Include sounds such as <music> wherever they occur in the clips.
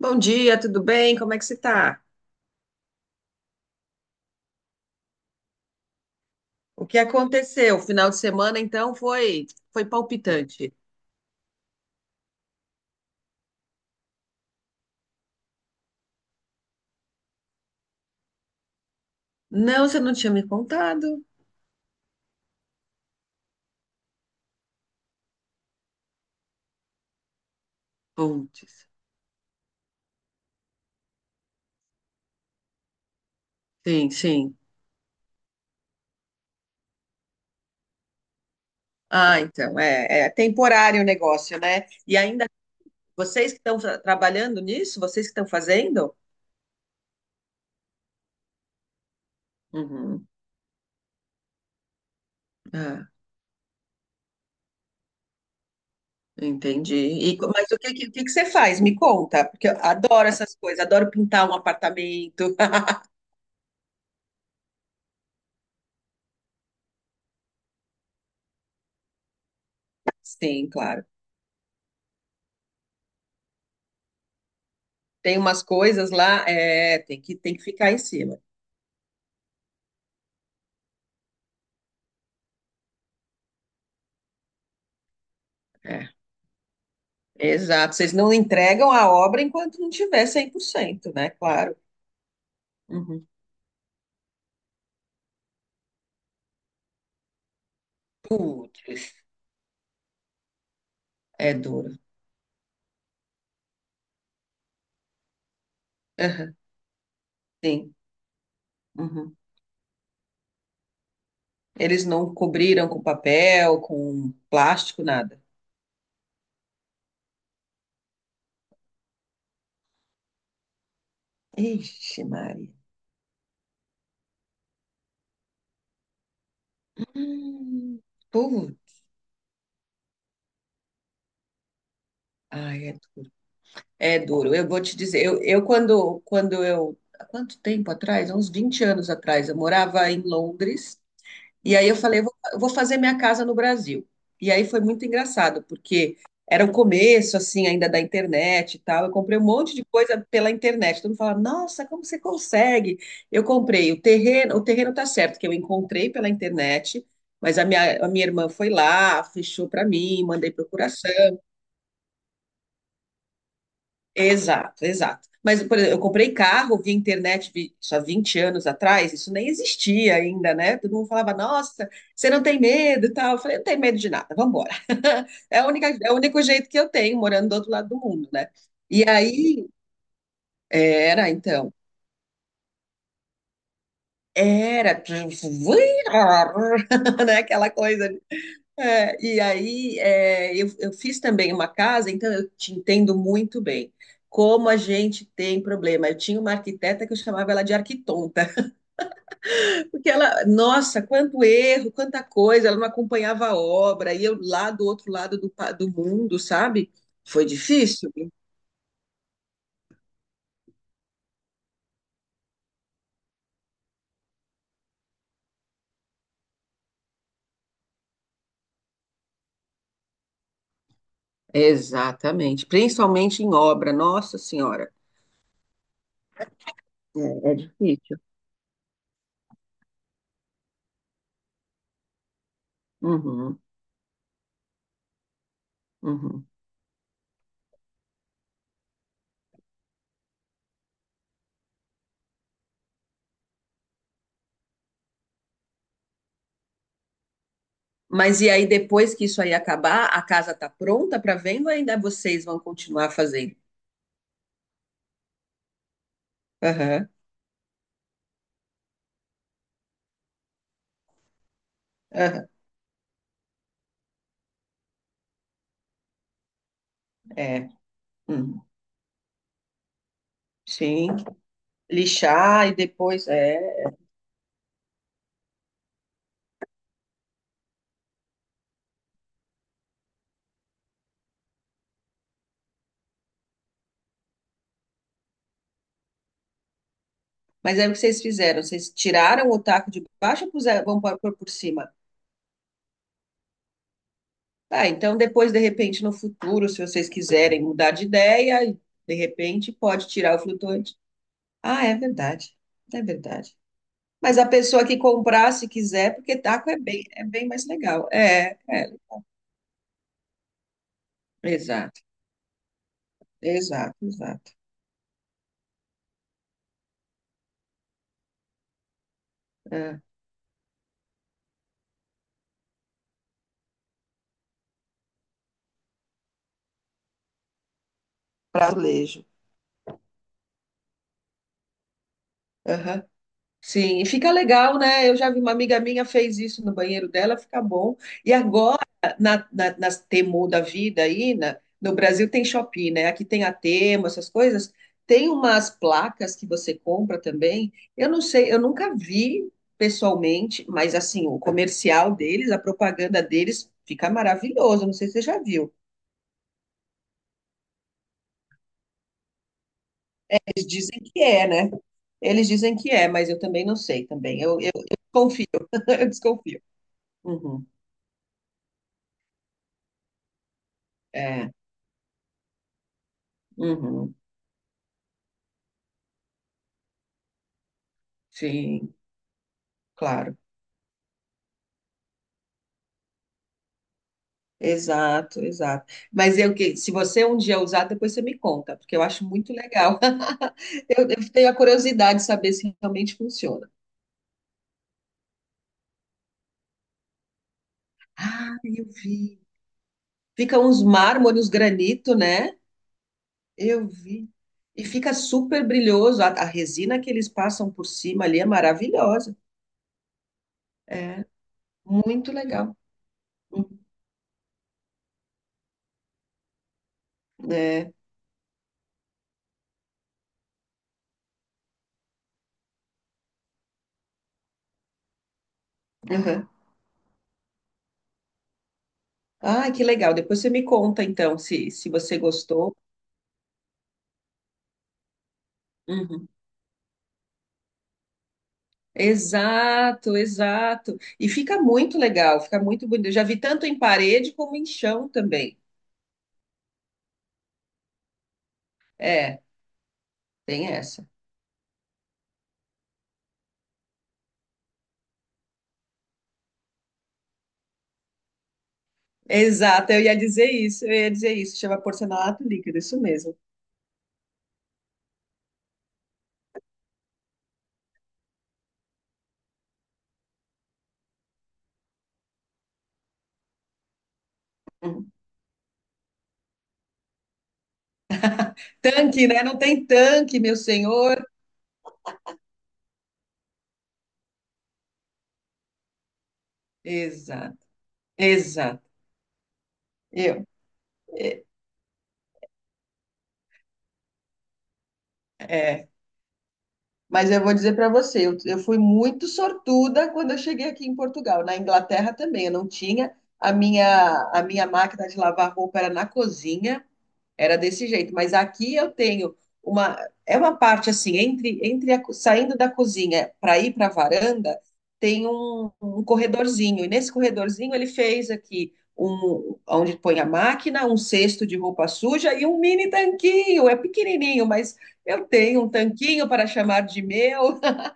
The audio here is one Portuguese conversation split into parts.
Bom dia, tudo bem? Como é que você tá? O que aconteceu? O final de semana, então, foi foi palpitante. Não, você não tinha me contado. Putz. Sim, sim. Ah, então, é temporário o negócio, né? E ainda, vocês que estão trabalhando nisso, vocês que estão fazendo? Uhum. Ah, entendi. Mas o o que que você faz? Me conta, porque eu adoro essas coisas, adoro pintar um apartamento. <laughs> Sim, claro. Tem umas coisas lá, tem tem que ficar em cima. É. Exato, vocês não entregam a obra enquanto não tiver 100%, né? Claro. Uhum. Putz, é duro. Aham, sim. Uhum. Eles não cobriram com papel, com plástico, nada. Ixi, Maria. Hum, Putz. Ai, é duro. É duro. Eu vou te dizer, eu quando, quando eu, há quanto tempo atrás? Há uns 20 anos atrás, eu morava em Londres. E aí eu falei, eu vou fazer minha casa no Brasil. E aí foi muito engraçado, porque era o começo, assim, ainda da internet e tal. Eu comprei um monte de coisa pela internet. Todo mundo fala, nossa, como você consegue? Eu comprei o terreno tá certo, que eu encontrei pela internet, mas a minha irmã foi lá, fechou para mim, mandei procuração. Exato, exato. Mas, por exemplo, eu comprei carro via internet vi, isso há anos atrás, isso nem existia ainda, né? Todo mundo falava, nossa, você não tem medo e tal. Eu falei, não tenho medo de nada, vamos embora. <laughs> É a única, é o único jeito que eu tenho, morando do outro lado do mundo, né? E aí, era, então, era, <laughs> né? Aquela coisa. É, e aí, é, eu fiz também uma casa, então eu te entendo muito bem. Como a gente tem problema. Eu tinha uma arquiteta que eu chamava ela de arquitonta, <laughs> porque ela, nossa, quanto erro, quanta coisa, ela não acompanhava a obra, e eu lá do outro lado do, do mundo, sabe? Foi difícil. Exatamente, principalmente em obra, nossa senhora. É, é difícil. Uhum, uhum. Mas e aí, depois que isso aí acabar, a casa tá pronta para venda ou ainda vocês vão continuar fazendo? Aham, aham, é. Hum, sim, lixar e depois, é. Mas é o que vocês fizeram, vocês tiraram o taco de baixo e puseram, vão pôr por cima. Tá, então depois, de repente, no futuro, se vocês quiserem mudar de ideia, de repente pode tirar o flutuante. Ah, é verdade, é verdade. Mas a pessoa que comprar, se quiser, porque taco é bem mais legal. Exato. Exato, exato. É, azulejo. Aham. Sim, e fica legal, né? Eu já vi uma amiga minha fez isso no banheiro dela, fica bom. E agora, nas Temu da vida aí, no Brasil tem Shopee, né? Aqui tem a Temu, essas coisas. Tem umas placas que você compra também. Eu não sei, eu nunca vi pessoalmente, mas assim, o comercial deles, a propaganda deles fica maravilhoso. Não sei se você já viu. Eles dizem que é, né? Eles dizem que é, mas eu também não sei também. Eu confio, <laughs> eu desconfio. Uhum, é, uhum, sim, claro. Exato, exato. Mas eu que se você um dia usar, depois você me conta, porque eu acho muito legal. <laughs> Eu tenho a curiosidade de saber se realmente funciona. Ah, eu vi. Fica uns mármore, uns granito, né? Eu vi. E fica super brilhoso. A resina que eles passam por cima ali é maravilhosa. É muito legal. É. Aham. Ai, que legal. Depois você me conta, então, se você gostou. Uhum. Exato, exato. E fica muito legal, fica muito bonito. Eu já vi tanto em parede como em chão também. É, tem essa. Exato, eu ia dizer isso, eu ia dizer isso. Chama porcelanato líquido, isso mesmo. Uhum. Tanque, né? Não tem tanque, meu senhor. Exato, exato. Eu. É. Mas eu vou dizer para você, eu fui muito sortuda quando eu cheguei aqui em Portugal. Na Inglaterra também, eu não tinha. A minha máquina de lavar roupa era na cozinha. Era desse jeito, mas aqui eu tenho uma é uma parte assim entre saindo da cozinha para ir para a varanda, tem um corredorzinho e nesse corredorzinho ele fez aqui um onde põe a máquina, um cesto de roupa suja e um mini tanquinho. É pequenininho, mas eu tenho um tanquinho para chamar de meu. <laughs>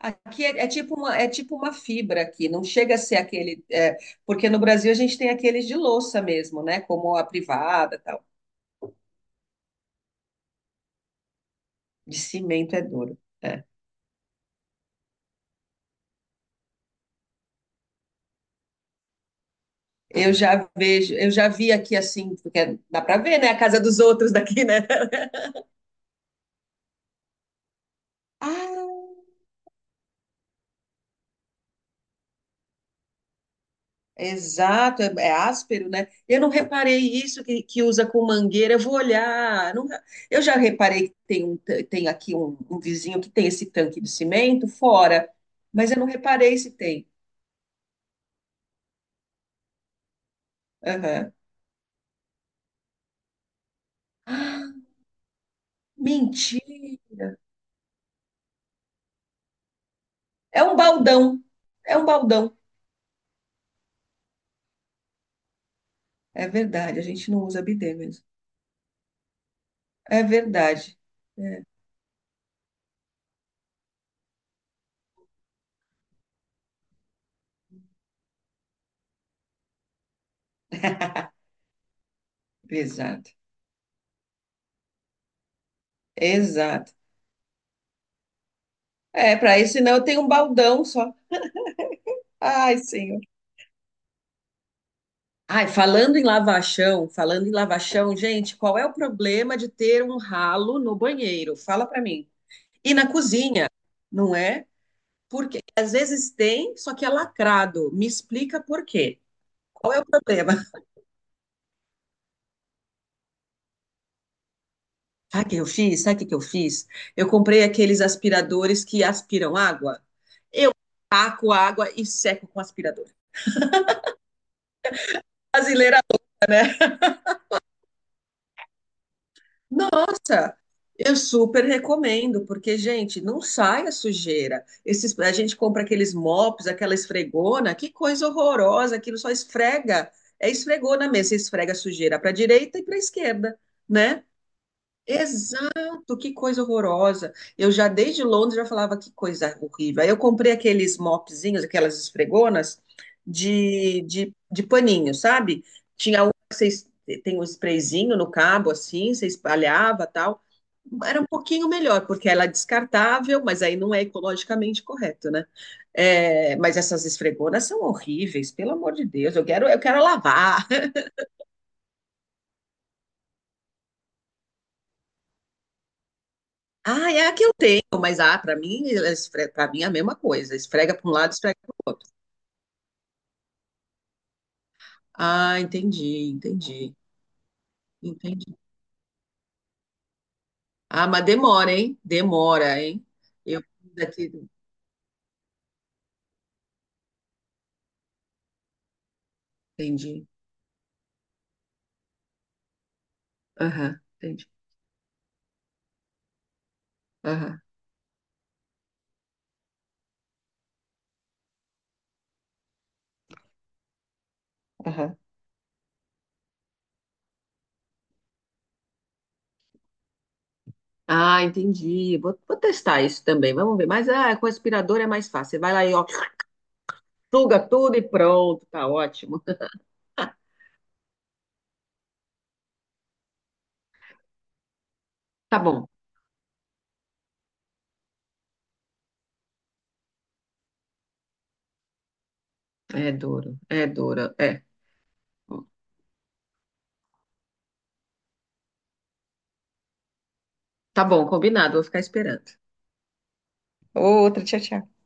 Ah, aqui é, é tipo uma fibra aqui, não chega a ser aquele, é, porque no Brasil a gente tem aqueles de louça mesmo, né? Como a privada, tal. De cimento é duro. É. Eu já vejo, eu já vi aqui assim, porque dá para ver, né? A casa dos outros daqui, né? <laughs> Ah, exato, é, é áspero, né? Eu não reparei isso que usa com mangueira, eu vou olhar. Eu já reparei que tem, um, tem aqui um vizinho que tem esse tanque de cimento fora, mas eu não reparei se tem. Aham. <gasps> Ah, mentira! É um baldão, é um baldão. É verdade, a gente não usa bidê mesmo. É verdade. É. <laughs> Exato, exato. É, para isso, senão eu tenho um baldão só. Ai, senhor. Ai, falando em lava chão, gente, qual é o problema de ter um ralo no banheiro? Fala pra mim. E na cozinha, não é? Porque às vezes tem, só que é lacrado. Me explica por quê. Qual é o problema? <laughs> Sabe o que que eu fiz? Eu comprei aqueles aspiradores que aspiram água. Eu taco água e seco com aspirador. Brasileira. Nossa, eu super recomendo, porque, gente, não sai a sujeira. Esses, a gente compra aqueles mops, aquela esfregona, que coisa horrorosa, aquilo só esfrega. É esfregona mesmo, você esfrega a sujeira para a direita e para a esquerda, né? Exato, que coisa horrorosa. Eu já desde Londres já falava que coisa horrível. Aí eu comprei aqueles mopzinhos, aquelas esfregonas de paninho, sabe? Tinha um que vocês tem um sprayzinho no cabo assim, você espalhava, tal. Era um pouquinho melhor, porque ela é descartável, mas aí não é ecologicamente correto, né? É, mas essas esfregonas são horríveis, pelo amor de Deus. Eu quero lavar. Ah, é a que eu tenho, mas ah, para mim é a mesma coisa. Esfrega para um lado, esfrega para o outro. Ah, entendi. Ah, mas demora, hein? Demora, hein? Eu daqui, entendi. Aham, entendi. Aham, aham. Ah, entendi. Vou testar isso também. Vamos ver. Mas ah, com aspirador é mais fácil. Você vai lá e ó, suga tudo e pronto. Tá ótimo. Tá bom. É duro, é duro. É. Tá bom, combinado. Vou ficar esperando. Outra, tchau, tchau.